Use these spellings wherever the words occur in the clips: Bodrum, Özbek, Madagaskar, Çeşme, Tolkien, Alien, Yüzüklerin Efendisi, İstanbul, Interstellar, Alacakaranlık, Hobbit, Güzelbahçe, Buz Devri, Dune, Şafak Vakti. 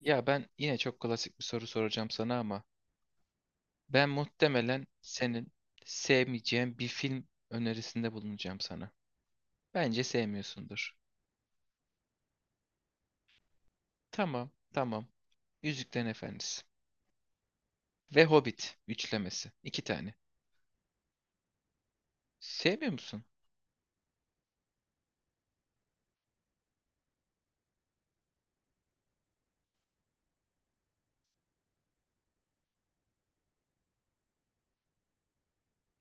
Ya ben yine çok klasik bir soru soracağım sana ama ben muhtemelen senin sevmeyeceğin bir film önerisinde bulunacağım sana. Bence sevmiyorsundur. Tamam, tamam. Yüzüklerin Efendisi ve Hobbit üçlemesi. İki tane. Sevmiyor musun?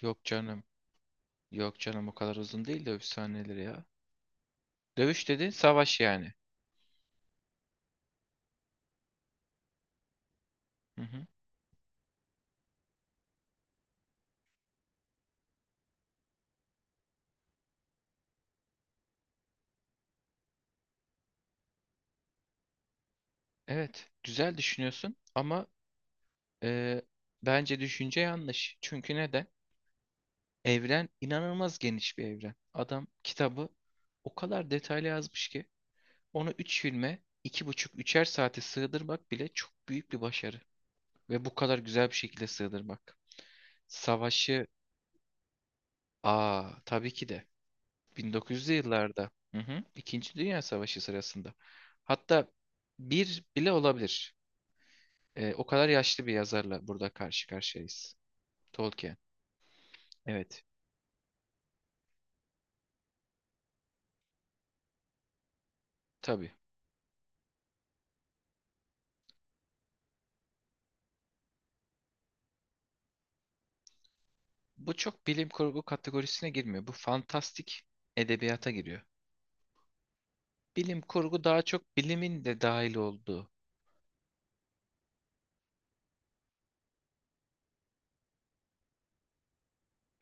Yok canım. Yok canım, o kadar uzun değil dövüş sahneleri ya. Dövüş dediğin savaş yani. Hı hı. Evet, güzel düşünüyorsun ama e, bence düşünce yanlış. Çünkü neden? Evren inanılmaz geniş bir evren. Adam kitabı o kadar detaylı yazmış ki onu 3 filme 2,5'er 3'er saate sığdırmak bile çok büyük bir başarı. Ve bu kadar güzel bir şekilde sığdırmak. Savaşı aa, tabii ki de 1900'lü yıllarda, hı hı, II. Dünya Savaşı sırasında. Hatta bir bile olabilir. O kadar yaşlı bir yazarla burada karşı karşıyayız. Tolkien. Evet. Tabii. Bu çok bilim kurgu kategorisine girmiyor. Bu fantastik edebiyata giriyor. Bilim kurgu daha çok bilimin de dahil olduğu.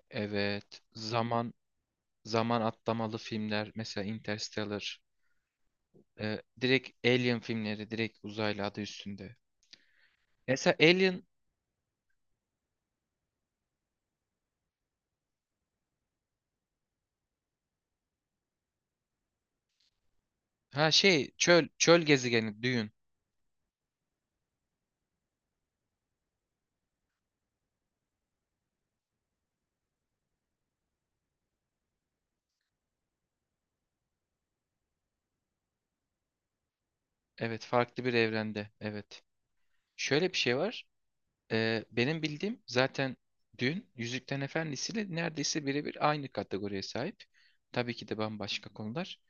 Evet, zaman atlamalı filmler mesela Interstellar, direkt Alien filmleri, direkt uzaylı adı üstünde. Mesela Alien, ha şey çöl gezegeni Dune. Evet, farklı bir evrende. Evet. Şöyle bir şey var. Benim bildiğim zaten dün Yüzüklerin Efendisi'yle neredeyse birebir aynı kategoriye sahip. Tabii ki de bambaşka konular.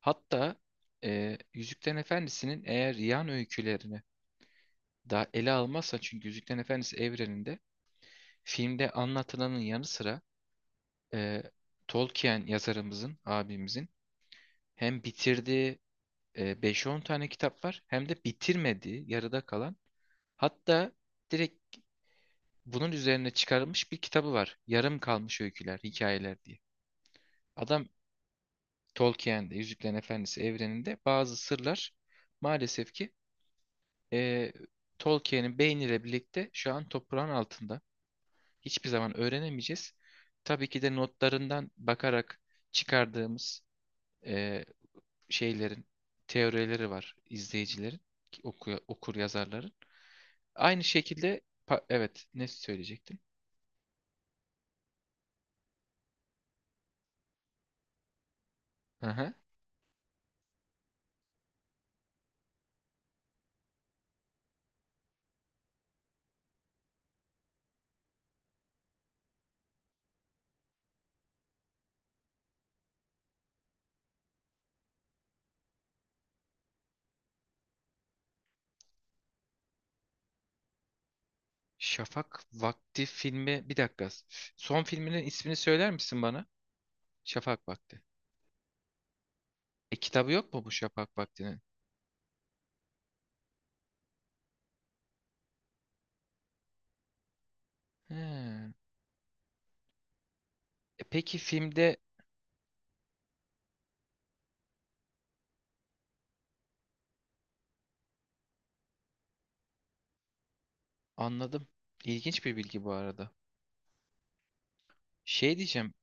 Hatta Yüzüklerin Efendisi'nin eğer yan öykülerini daha ele almazsa, çünkü Yüzüklerin Efendisi evreninde filmde anlatılanın yanı sıra, e, Tolkien yazarımızın, abimizin hem bitirdiği 5-10 tane kitap var, hem de bitirmediği, yarıda kalan, hatta direkt bunun üzerine çıkarılmış bir kitabı var. Yarım kalmış öyküler, hikayeler diye. Adam Tolkien'de, Yüzüklerin Efendisi evreninde bazı sırlar maalesef ki eee, Tolkien'in beyniyle birlikte şu an toprağın altında. Hiçbir zaman öğrenemeyeceğiz. Tabii ki de notlarından bakarak çıkardığımız eee, şeylerin teorileri var, izleyicilerin, okur yazarların. Aynı şekilde evet, ne söyleyecektim? Aha. Şafak Vakti filmi, bir dakika. Son filminin ismini söyler misin bana? Şafak Vakti. E, kitabı yok mu bu Şafak Vakti'nin? He. E, peki filmde, anladım. İlginç bir bilgi bu arada. Şey diyeceğim.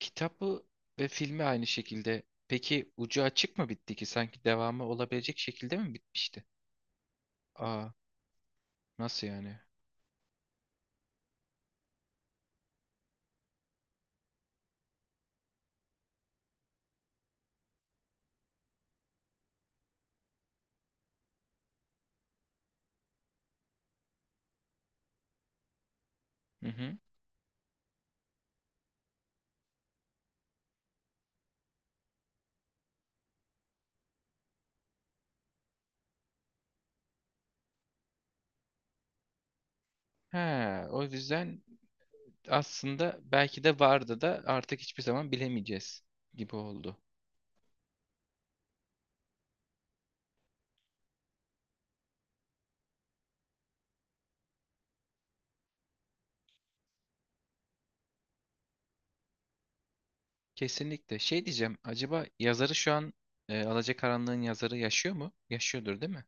Kitabı ve filmi aynı şekilde. Peki ucu açık mı bitti ki? Sanki devamı olabilecek şekilde mi bitmişti? Aa, nasıl yani? Hı hı. He, o yüzden aslında belki de vardı da artık hiçbir zaman bilemeyeceğiz gibi oldu. Kesinlikle. Şey diyeceğim, acaba yazarı şu an, Alacakaranlığın yazarı yaşıyor mu? Yaşıyordur değil mi?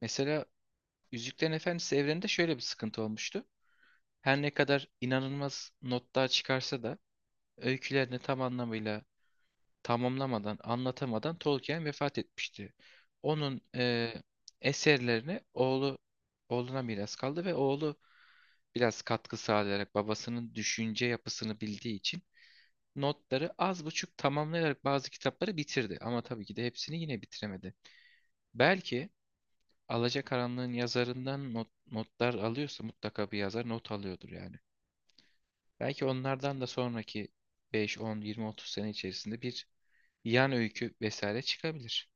Mesela Yüzüklerin Efendisi evreninde şöyle bir sıkıntı olmuştu. Her ne kadar inanılmaz notlar çıkarsa da öykülerini tam anlamıyla tamamlamadan, anlatamadan Tolkien vefat etmişti. Onun eserlerini oğlu oğluna miras kaldı ve oğlu biraz katkı sağlayarak, babasının düşünce yapısını bildiği için notları az buçuk tamamlayarak bazı kitapları bitirdi. Ama tabii ki de hepsini yine bitiremedi. Belki Alacakaranlığın yazarından not, notlar alıyorsa, mutlaka bir yazar not alıyordur yani. Belki onlardan da sonraki 5, 10, 20, 30 sene içerisinde bir yan öykü vesaire çıkabilir.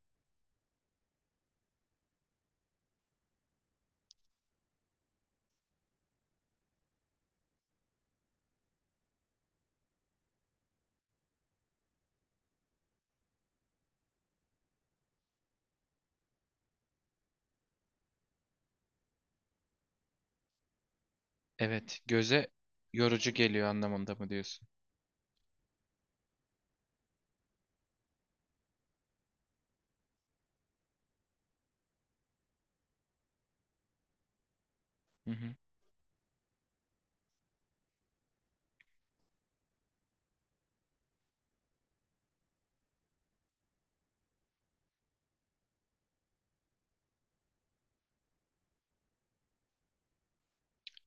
Evet, göze yorucu geliyor anlamında mı diyorsun? Hı hı.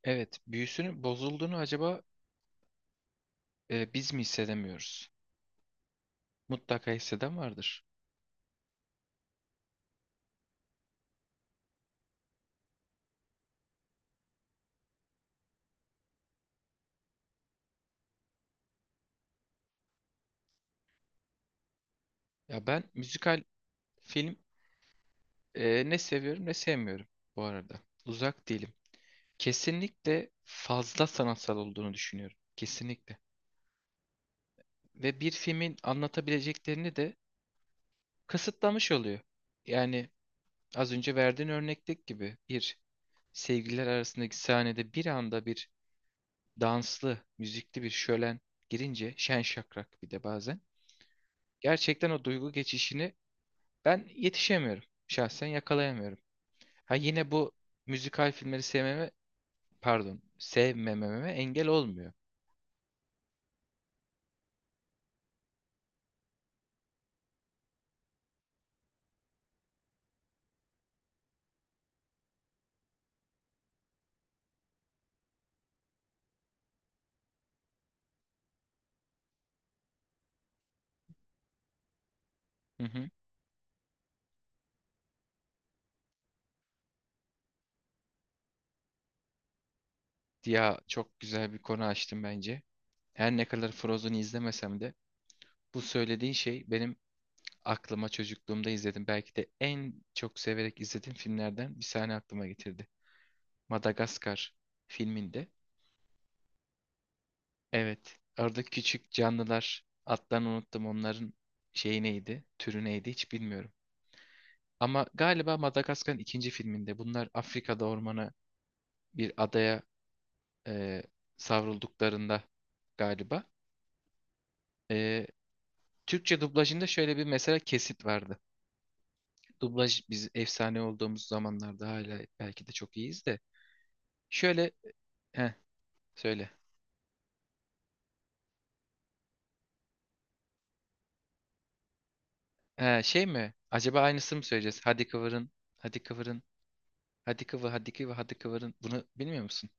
Evet, büyüsünün bozulduğunu acaba biz mi hissedemiyoruz? Mutlaka hisseden vardır. Ya ben müzikal film ne seviyorum ne sevmiyorum bu arada. Uzak değilim. Kesinlikle fazla sanatsal olduğunu düşünüyorum. Kesinlikle. Ve bir filmin anlatabileceklerini de kısıtlamış oluyor. Yani az önce verdiğin örnekteki gibi bir, sevgililer arasındaki sahnede bir anda bir danslı, müzikli bir şölen girince, şen şakrak bir de bazen. Gerçekten o duygu geçişini ben yetişemiyorum. Şahsen yakalayamıyorum. Ha, yine bu müzikal filmleri sevmeme, pardon, sevmememe engel olmuyor. Hı hı. Ya çok güzel bir konu açtım bence. Her ne kadar Frozen'ı izlemesem de bu söylediğin şey benim aklıma çocukluğumda izledim, belki de en çok severek izlediğim filmlerden bir sahne aklıma getirdi. Madagaskar filminde. Evet. Orada küçük canlılar, adlarını unuttum, onların şeyi neydi, türü neydi hiç bilmiyorum. Ama galiba Madagaskar'ın 2. filminde bunlar Afrika'da ormana, bir adaya e, savrulduklarında galiba. E, Türkçe dublajında şöyle bir mesela kesit vardı. Dublaj, biz efsane olduğumuz zamanlarda hala belki de çok iyiyiz de. Şöyle, heh, söyle. He, şey mi? Acaba aynısını mı söyleyeceğiz? Hadi kıvırın. Hadi kıvırın. Hadi kıvırın. Bunu bilmiyor musun?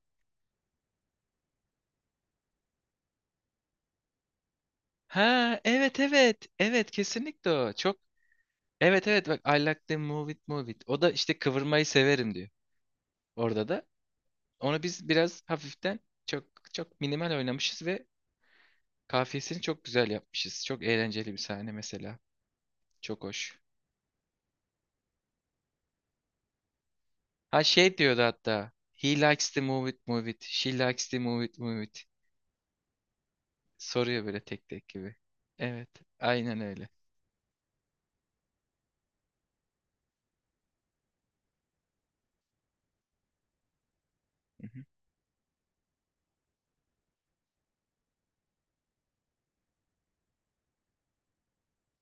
Ha, evet evet. Evet, kesinlikle o. Çok evet evet, bak, I like the move it move it. O da işte kıvırmayı severim diyor. Orada da onu biz biraz hafiften, çok çok minimal oynamışız ve kafiyesini çok güzel yapmışız. Çok eğlenceli bir sahne mesela. Çok hoş. Ha, şey diyordu hatta. He likes to move it, move it. She likes to move it, move it. Soruyor böyle tek tek gibi. Evet, aynen öyle. Hı hı,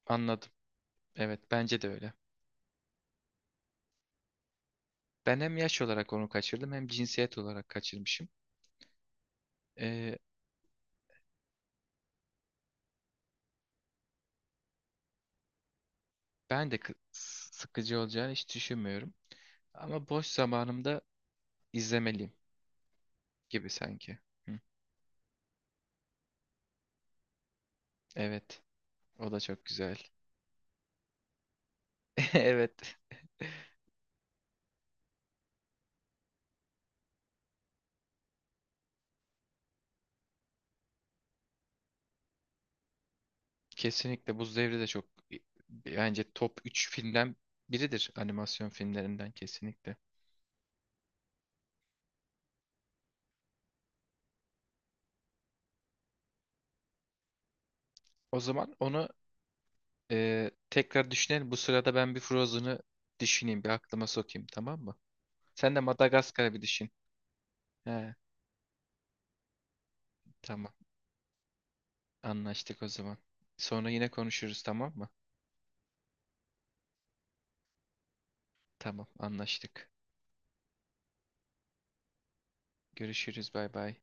anladım. Evet, bence de öyle. Ben hem yaş olarak onu kaçırdım, hem cinsiyet olarak kaçırmışım. Ee, ben de sıkıcı olacağını hiç düşünmüyorum. Ama boş zamanımda izlemeliyim gibi sanki. Hı, evet. O da çok güzel. Evet. Kesinlikle Buz Devri de çok, bence top 3 filmden biridir animasyon filmlerinden, kesinlikle. O zaman onu tekrar düşünelim. Bu sırada ben bir Frozen'ı düşüneyim, bir aklıma sokayım, tamam mı? Sen de Madagaskar'ı bir düşün. He, tamam. Anlaştık o zaman. Sonra yine konuşuruz, tamam mı? Tamam, anlaştık. Görüşürüz, bay bay.